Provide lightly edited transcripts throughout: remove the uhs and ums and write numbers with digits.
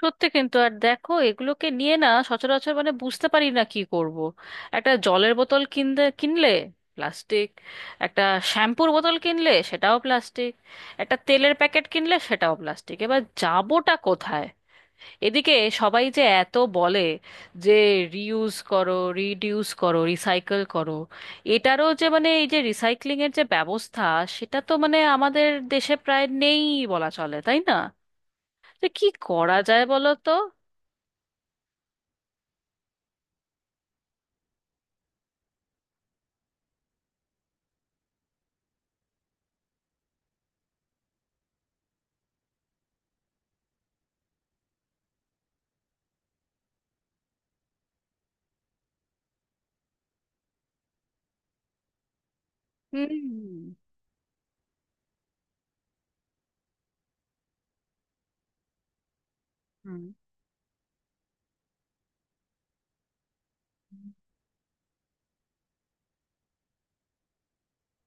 সত্যি কিন্তু। আর দেখো, এগুলোকে নিয়ে না সচরাচর বুঝতে পারি না কি করব। একটা জলের বোতল কিনলে প্লাস্টিক, একটা শ্যাম্পুর বোতল কিনলে সেটাও প্লাস্টিক, একটা তেলের প্যাকেট কিনলে সেটাও প্লাস্টিক। এবার যাবোটা কোথায়? এদিকে সবাই যে এত বলে যে রিউজ করো, রিডিউস করো, রিসাইকেল করো, এটারও যে এই যে রিসাইক্লিং এর যে ব্যবস্থা, সেটা তো আমাদের দেশে প্রায় নেই বলা চলে, তাই না? তো কি করা যায় বলো তো? হুম। হুম।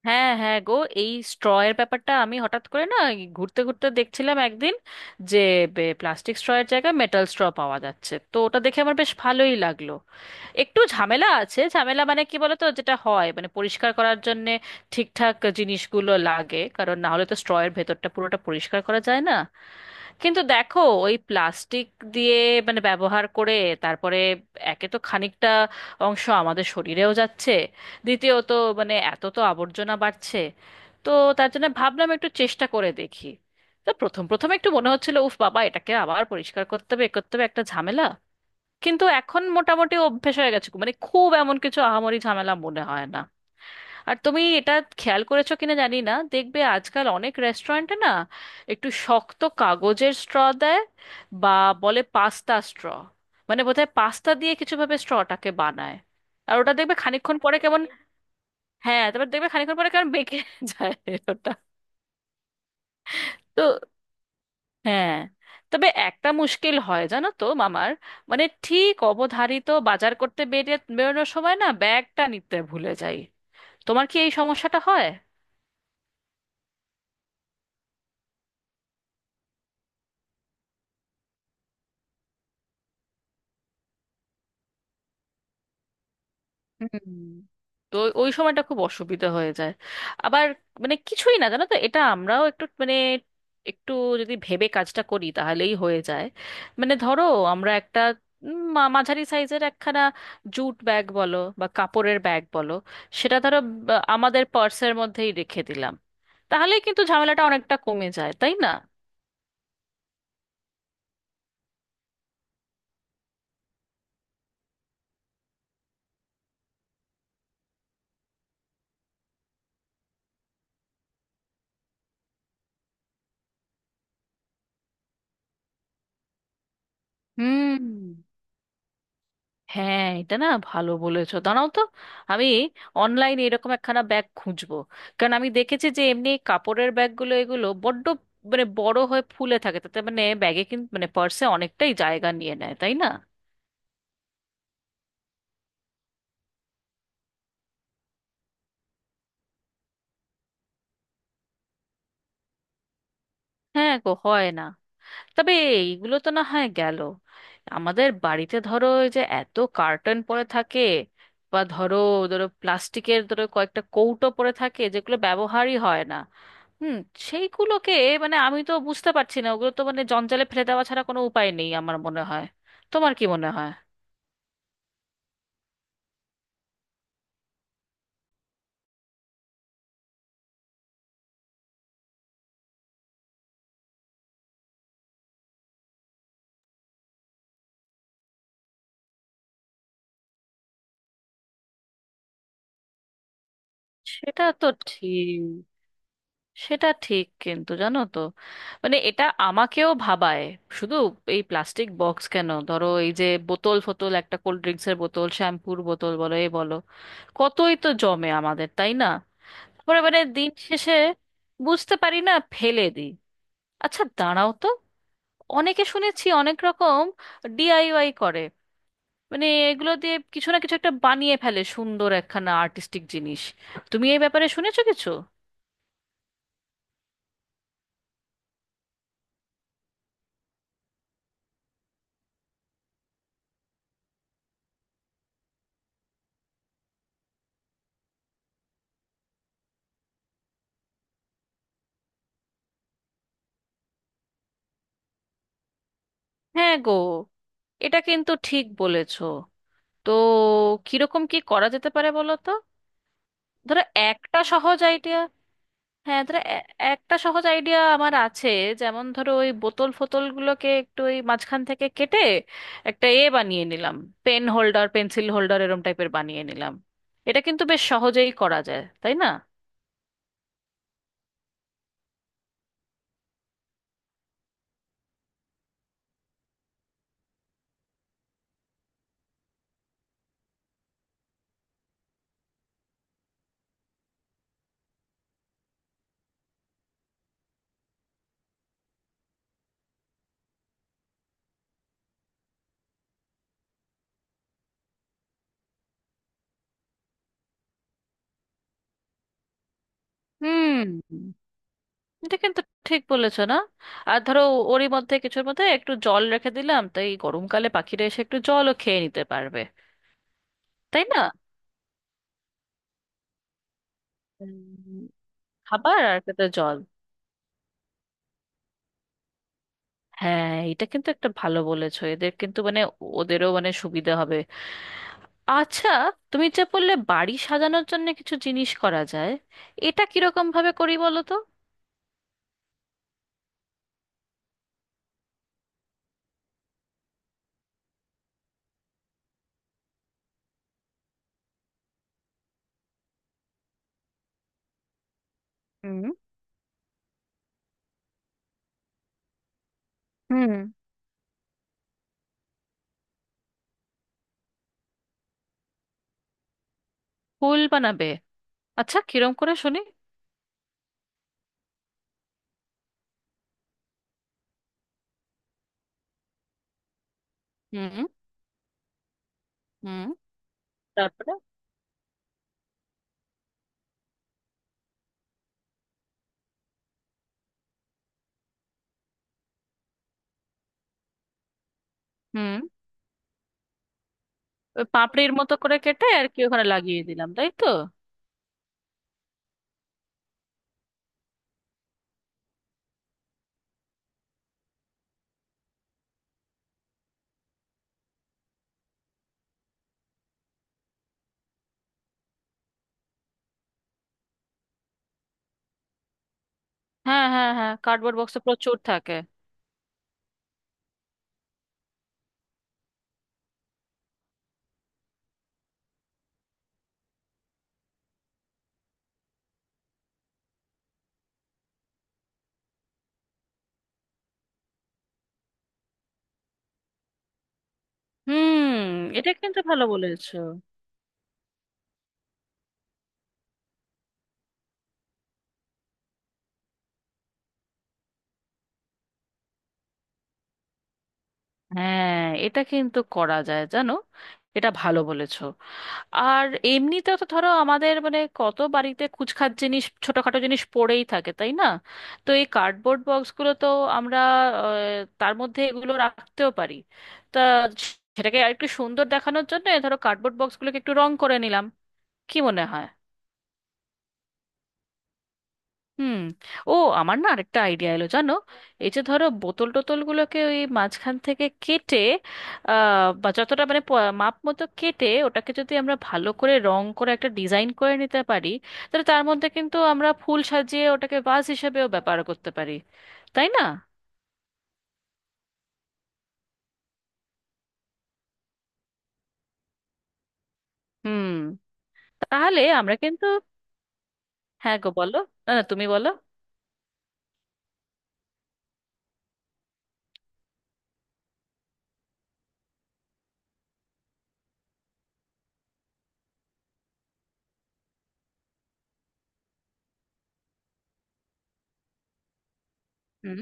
হ্যাঁ, হ্যাঁ গো, এই স্ট্র এর ব্যাপারটা আমি হঠাৎ করে না এই ঘুরতে ঘুরতে দেখছিলাম একদিন, যে প্লাস্টিক স্ট্র এর জায়গায় মেটাল স্ট্র পাওয়া যাচ্ছে, তো ওটা দেখে আমার বেশ ভালোই লাগলো। একটু ঝামেলা আছে, ঝামেলা মানে কি বলতো, যেটা হয় মানে পরিষ্কার করার জন্য ঠিকঠাক জিনিসগুলো লাগে, কারণ না হলে তো স্ট্র এর ভেতরটা পুরোটা পরিষ্কার করা যায় না। কিন্তু দেখো, ওই প্লাস্টিক দিয়ে মানে ব্যবহার করে তারপরে, একে তো খানিকটা অংশ আমাদের শরীরেও যাচ্ছে, দ্বিতীয়ত মানে এত তো আবর্জনা বাড়ছে, তো তার জন্য ভাবলাম একটু চেষ্টা করে দেখি। তো প্রথম প্রথম একটু মনে হচ্ছিল, উফ বাবা, এটাকে আবার পরিষ্কার করতে হবে, এ করতে হবে, একটা ঝামেলা। কিন্তু এখন মোটামুটি অভ্যেস হয়ে গেছে, মানে খুব এমন কিছু আহামরি ঝামেলা মনে হয় না। আর তুমি এটা খেয়াল করেছো কিনা জানি না, দেখবে আজকাল অনেক রেস্টুরেন্টে না একটু শক্ত কাগজের স্ট্র দেয়, বা বলে পাস্তা স্ট্র, মানে বোধহয় পাস্তা দিয়ে কিছু ভাবে স্ট্রটাকে বানায়। আর ওটা দেখবে খানিকক্ষণ পরে কেমন, হ্যাঁ, তারপর দেখবে খানিকক্ষণ পরে কেমন বেঁকে যায় ওটা। তো হ্যাঁ, তবে একটা মুশকিল হয় জানো তো মামার, মানে ঠিক অবধারিত বাজার করতে বেরোনোর সময় না ব্যাগটা নিতে ভুলে যাই। তোমার কি এই সমস্যাটা হয়? হুম। তো ওই ওই সময়টা খুব অসুবিধা হয়ে যায়। আবার মানে কিছুই না জানো তো, এটা আমরাও একটু যদি ভেবে কাজটা করি তাহলেই হয়ে যায়। মানে ধরো, আমরা একটা মাঝারি সাইজের একখানা জুট ব্যাগ বলো বা কাপড়ের ব্যাগ বলো, সেটা ধরো আমাদের পার্সের মধ্যেই রেখে দিলাম, তাহলে কিন্তু ঝামেলাটা অনেকটা কমে যায়, তাই না? হুম। হ্যাঁ, এটা না ভালো বলেছো, দাঁড়াও তো, আমি অনলাইনে এরকম একখানা ব্যাগ খুঁজবো। কারণ আমি দেখেছি যে এমনি কাপড়ের ব্যাগগুলো, এগুলো বড্ড মানে বড় হয়ে ফুলে থাকে, তাতে মানে ব্যাগে কিন্তু মানে পার্সে অনেকটাই জায়গা নিয়ে নেয়, তাই না? হ্যাঁ গো, হয় না। তবে এইগুলো তো না হয় গেল, আমাদের বাড়িতে ধরো ওই যে এত কার্টন পরে থাকে, বা ধরো, ধরো প্লাস্টিকের ধরো কয়েকটা কৌটো পরে থাকে যেগুলো ব্যবহারই হয় না। হুম। সেইগুলোকে মানে আমি তো বুঝতে পারছি না, ওগুলো তো মানে জঞ্জালে ফেলে দেওয়া ছাড়া কোনো উপায় নেই আমার মনে হয়। তোমার কি মনে হয়? সেটা তো ঠিক, সেটা ঠিক, কিন্তু জানো তো মানে এটা আমাকেও ভাবায়। শুধু এই প্লাস্টিক বক্স কেন, ধরো এই যে বোতল ফোতল, একটা কোল্ড ড্রিঙ্কসের বোতল, শ্যাম্পুর বোতল বলো, এ বলো, কতই তো জমে আমাদের, তাই না? পরে মানে দিন শেষে বুঝতে পারি না, ফেলে দিই। আচ্ছা দাঁড়াও তো, অনেকে শুনেছি অনেক রকম ডিআইওয়াই করে, মানে এগুলো দিয়ে কিছু না কিছু একটা বানিয়ে ফেলে সুন্দর একখানা আর্টিস্টিক জিনিস। তুমি এই ব্যাপারে শুনেছো কিছু? হ্যাঁ গো, এটা কিন্তু ঠিক বলেছো। তো কিরকম কি করা যেতে পারে বলো তো? ধরো একটা সহজ আইডিয়া, হ্যাঁ ধরো, একটা সহজ আইডিয়া আমার আছে। যেমন ধরো ওই বোতল ফোতল গুলোকে একটু ওই মাঝখান থেকে কেটে একটা এ বানিয়ে নিলাম, পেন হোল্ডার, পেন্সিল হোল্ডার, এরম টাইপের বানিয়ে নিলাম। এটা কিন্তু বেশ সহজেই করা যায়, তাই না? হুম। এটা কিন্তু ঠিক বলেছো না। আর ধরো ওরই মধ্যে কিছুর মধ্যে একটু জল রেখে দিলাম, তাই গরমকালে পাখিরা এসে একটু জলও খেয়ে নিতে পারবে, তাই না? উম, খাবার আর খেতে জল। হ্যাঁ এটা কিন্তু একটা ভালো বলেছো, এদের কিন্তু মানে ওদেরও মানে সুবিধা হবে। আচ্ছা তুমি যে বললে বাড়ি সাজানোর জন্য কিছু জিনিস করা যায়, এটা কিরকম ভাবে করি বলো তো? হুম। হুম। ফুল বানাবে? আচ্ছা কিরম করে শুনি। হুম। হুম। তারপরে? হুম। ওই পাপড়ির মতো করে কেটে আর কি ওখানে লাগিয়ে দিলাম, তাই তো? হ্যাঁ হ্যাঁ হ্যাঁ, কার্ডবোর্ড বক্সে প্রচুর থাকে। হুম। এটা কিন্তু ভালো বলেছো। হ্যাঁ, এটা কিন্তু করা যায় জানো, এটা ভালো বলেছো। আর এমনিতে তো ধরো আমাদের মানে কত বাড়িতে কুচখাট জিনিস, ছোটখাটো জিনিস পড়েই থাকে, তাই না? তো এই কার্ডবোর্ড বক্সগুলো তো আমরা তার মধ্যে এগুলো রাখতেও পারি। তা সেটাকে আরেকটু সুন্দর দেখানোর জন্য ধরো কার্ডবোর্ড বক্সগুলোকে একটু রং করে নিলাম, কি মনে হয়? হুম। ও, আমার না আরেকটা আইডিয়া এলো জানো। এই যে ধরো বোতল টোতলগুলোকে ওই মাঝখান থেকে কেটে বা যতটা মানে মাপ মতো কেটে ওটাকে যদি আমরা ভালো করে রং করে একটা ডিজাইন করে নিতে পারি, তাহলে তার মধ্যে কিন্তু আমরা ফুল সাজিয়ে ওটাকে ভাস হিসেবেও ব্যবহার করতে পারি, তাই না? হুম। তাহলে আমরা কিন্তু, হ্যাঁ গো বলো, না না তুমি বলো। হুম।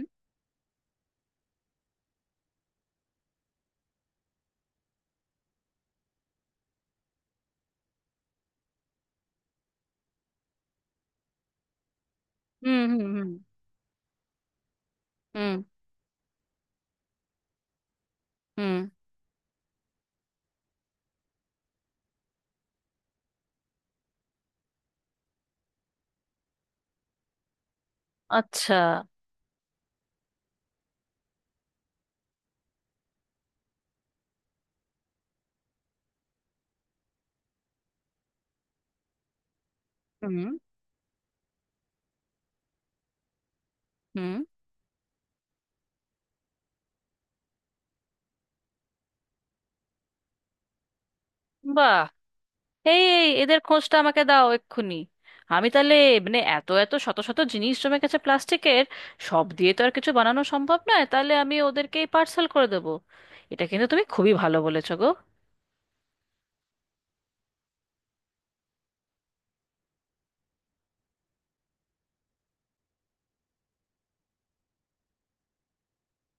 হুম। হুম। হুম। হুম। হুম। আচ্ছা। হুম। হুম। বাহ, এই এই এদের খোঁজটা আমাকে দাও এক্ষুনি। আমি তাহলে, মানে এত এত শত শত জিনিস জমে গেছে প্লাস্টিকের, সব দিয়ে তো আর কিছু বানানো সম্ভব নয়, তাহলে আমি ওদেরকেই পার্সেল করে দেবো। এটা কিন্তু তুমি খুবই ভালো বলেছো গো।